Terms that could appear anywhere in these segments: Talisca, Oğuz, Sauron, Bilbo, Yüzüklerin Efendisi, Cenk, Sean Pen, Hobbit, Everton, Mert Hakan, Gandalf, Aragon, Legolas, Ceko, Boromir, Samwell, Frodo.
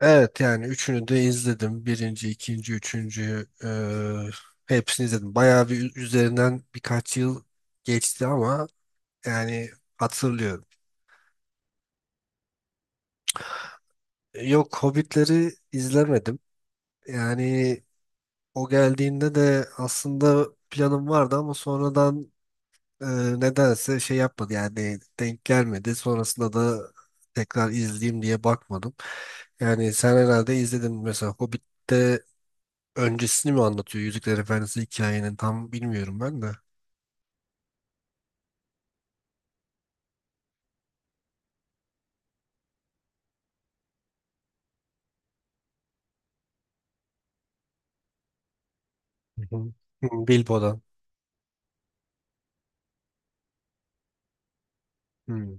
Evet yani üçünü de izledim. Birinci, ikinci, üçüncüyü hepsini izledim. Bayağı bir üzerinden birkaç yıl geçti ama yani hatırlıyorum. Yok Hobbitleri izlemedim. Yani o geldiğinde de aslında planım vardı ama sonradan e, nedense şey yapmadı yani denk gelmedi. Sonrasında da tekrar izleyeyim diye bakmadım. Yani sen herhalde izledin mesela Hobbit'te öncesini mi anlatıyor? Yüzükler Efendisi hikayenin tam bilmiyorum ben de. Hı hı. Hmm, Bilbo'dan. Hmm.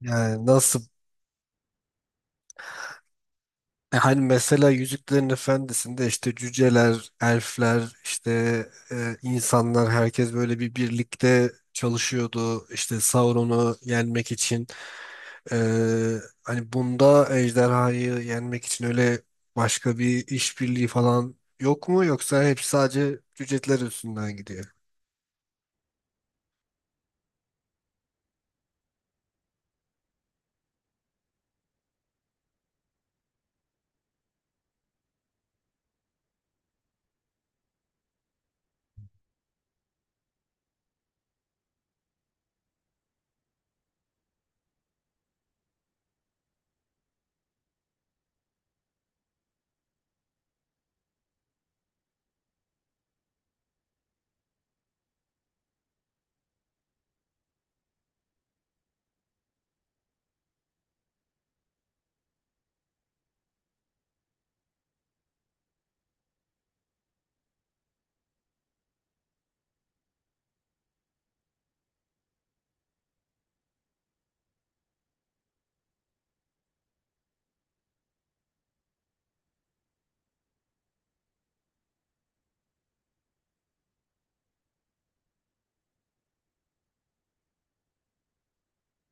Yani nasıl? Hani mesela Yüzüklerin Efendisi'nde işte cüceler, elfler, işte insanlar herkes böyle bir birlikte çalışıyordu işte Sauron'u yenmek için. E, hani bunda ejderhayı yenmek için öyle başka bir işbirliği falan yok mu yoksa hep sadece cüceler üstünden gidiyor?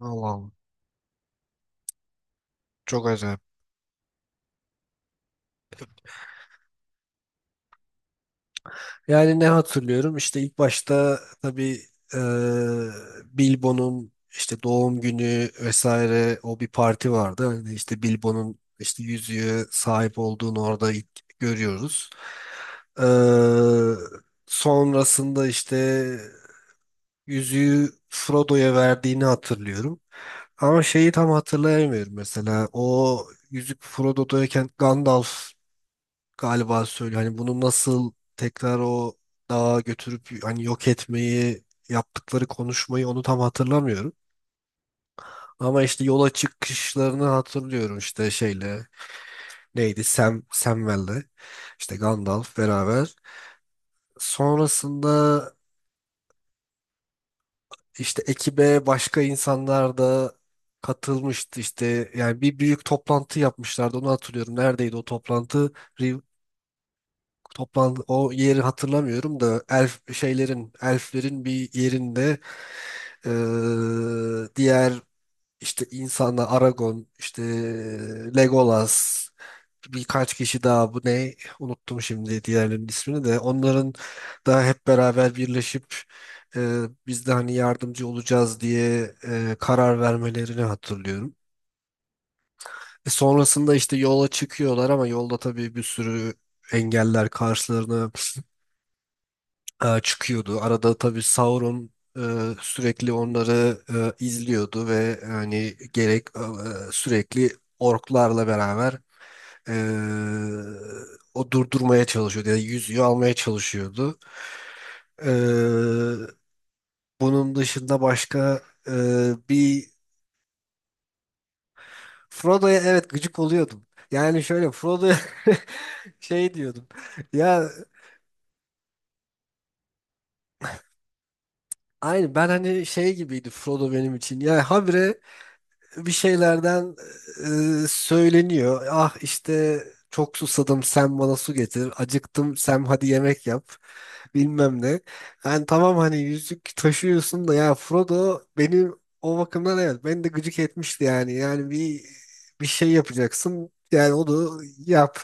Allah Allah. Çok acayip. Yani ne hatırlıyorum? İşte ilk başta tabii e, Bilbo'nun işte doğum günü vesaire o bir parti vardı. Hani işte Bilbo'nun işte yüzüğe sahip olduğunu orada ilk görüyoruz. E, sonrasında işte yüzüğü Frodo'ya verdiğini hatırlıyorum. Ama şeyi tam hatırlayamıyorum mesela. O yüzük Frodo'dayken Gandalf galiba söylüyor. Hani bunu nasıl tekrar o dağa götürüp hani yok etmeyi yaptıkları konuşmayı onu tam hatırlamıyorum. Ama işte yola çıkışlarını hatırlıyorum işte şeyle neydi Samwell'le işte Gandalf beraber. Sonrasında işte ekibe başka insanlar da katılmıştı işte yani bir büyük toplantı yapmışlardı onu hatırlıyorum. Neredeydi o toplantı? Toplan o yeri hatırlamıyorum da elf şeylerin elflerin bir yerinde diğer işte insanlar Aragon işte Legolas birkaç kişi daha bu ne unuttum şimdi diğerlerinin ismini de onların da hep beraber birleşip eee biz de hani yardımcı olacağız diye karar vermelerini hatırlıyorum. Sonrasında işte yola çıkıyorlar ama yolda tabii bir sürü engeller karşılarına çıkıyordu. Arada tabii Sauron e, sürekli onları izliyordu ve hani sürekli orklarla beraber e, o durdurmaya çalışıyordu ya da yüzüğü almaya çalışıyordu. E, bunun dışında başka e, bir. Frodo'ya evet gıcık oluyordum. Yani şöyle Frodo'ya şey diyordum. Ya aynı ben hani şey gibiydi Frodo benim için. Ya habire bir şeylerden söyleniyor. Ah işte çok susadım sen bana su getir. Acıktım sen hadi yemek yap. Bilmem ne. Yani tamam hani yüzük taşıyorsun da ya Frodo benim o bakımdan evet beni de gıcık etmişti yani. Yani bir şey yapacaksın. Yani onu yap.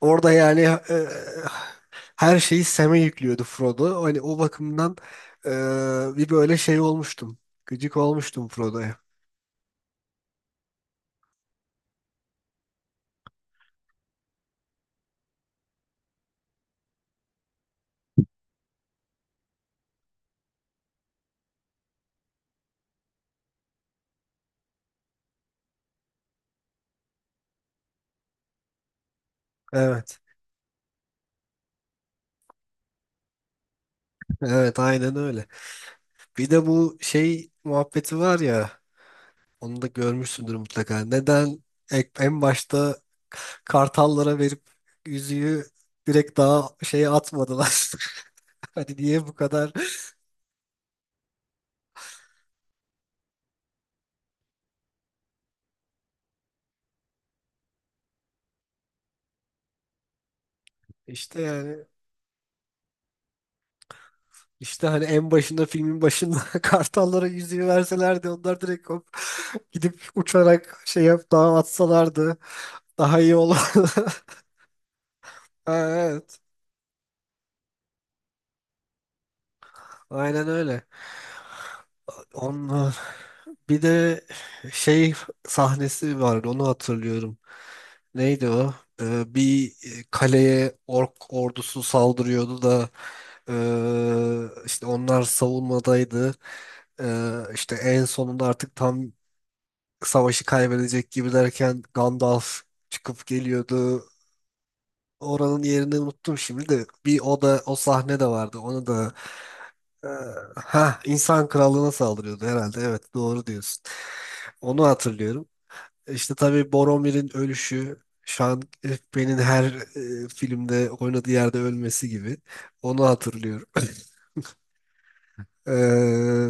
Orada yani e, her şeyi Sam'e yüklüyordu Frodo. Hani o bakımdan e, bir böyle şey olmuştum. Gıcık olmuştum Frodo'ya. Evet. Evet aynen öyle. Bir de bu şey muhabbeti var ya onu da görmüşsündür mutlaka. Neden en başta kartallara verip yüzüğü direkt daha şeye atmadılar? Hani niye bu kadar işte yani işte hani en başında filmin başında kartallara yüzüğü verselerdi onlar direkt hop gidip uçarak şey yap daha atsalardı daha iyi olur. Ha, evet aynen öyle. Onlar bir de şey sahnesi vardı onu hatırlıyorum. Neydi o? Bir kaleye ork ordusu saldırıyordu da işte onlar savunmadaydı. İşte en sonunda artık tam savaşı kaybedecek gibi derken Gandalf çıkıp geliyordu. Oranın yerini unuttum şimdi de bir o da o sahne de vardı. Onu da. ee, Ha, insan krallığına saldırıyordu herhalde. Evet, doğru diyorsun. Onu hatırlıyorum. İşte tabii Boromir'in ölüşü, Sean Pen'in her filmde oynadığı yerde ölmesi gibi. Onu hatırlıyorum. Ee,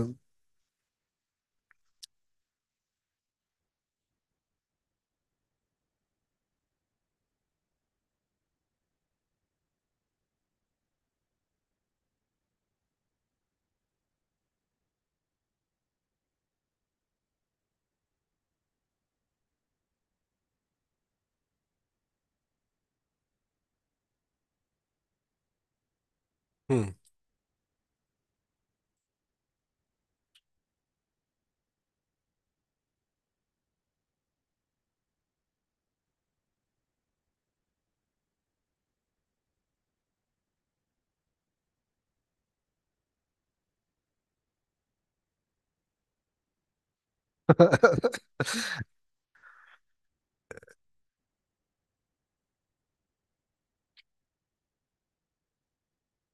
hmm,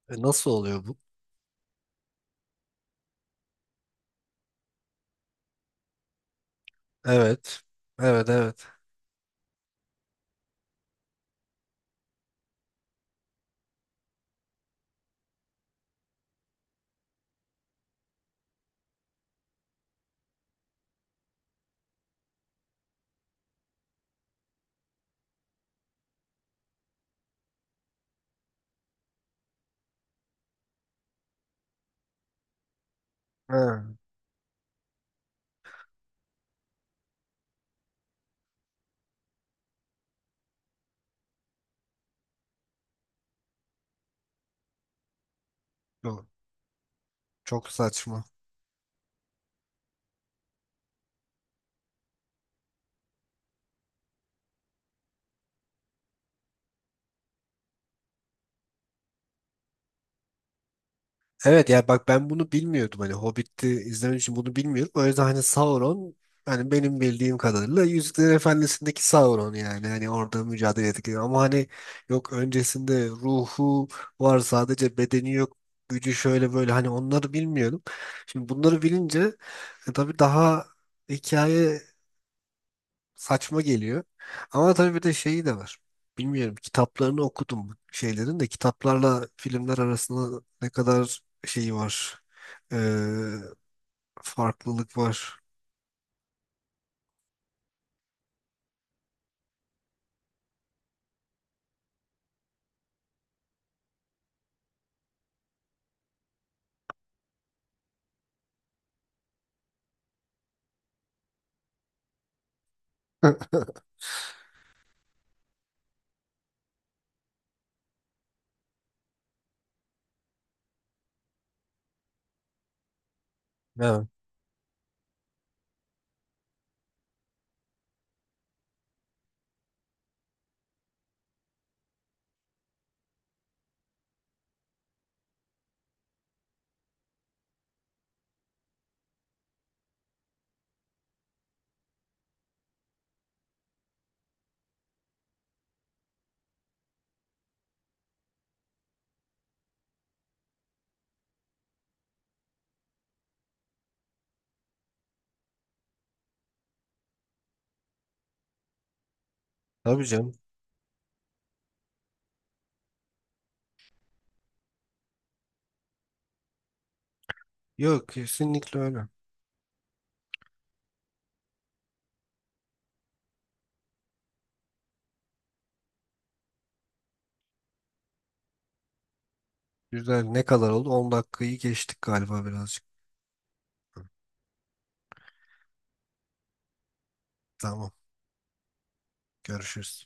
Nasıl oluyor bu? Evet. Evet, evet. Ha, çok, çok saçma. Evet yani bak ben bunu bilmiyordum hani Hobbit'i izlemek için bunu bilmiyorum. O yüzden hani Sauron hani benim bildiğim kadarıyla Yüzüklerin Efendisi'ndeki Sauron yani hani orada mücadele ettik. Ama hani yok öncesinde ruhu var sadece bedeni yok gücü şöyle böyle hani onları bilmiyordum. Şimdi bunları bilince tabii daha hikaye saçma geliyor. Ama tabii bir de şeyi de var. Bilmiyorum kitaplarını okudum bu şeylerin de kitaplarla filmler arasında ne kadar şeyi var. Ee, farklılık var. Evet. Tabii canım. Yok kesinlikle öyle. Güzel. Ne kadar oldu? 10 dakikayı geçtik galiba birazcık. Tamam. Görüşürüz.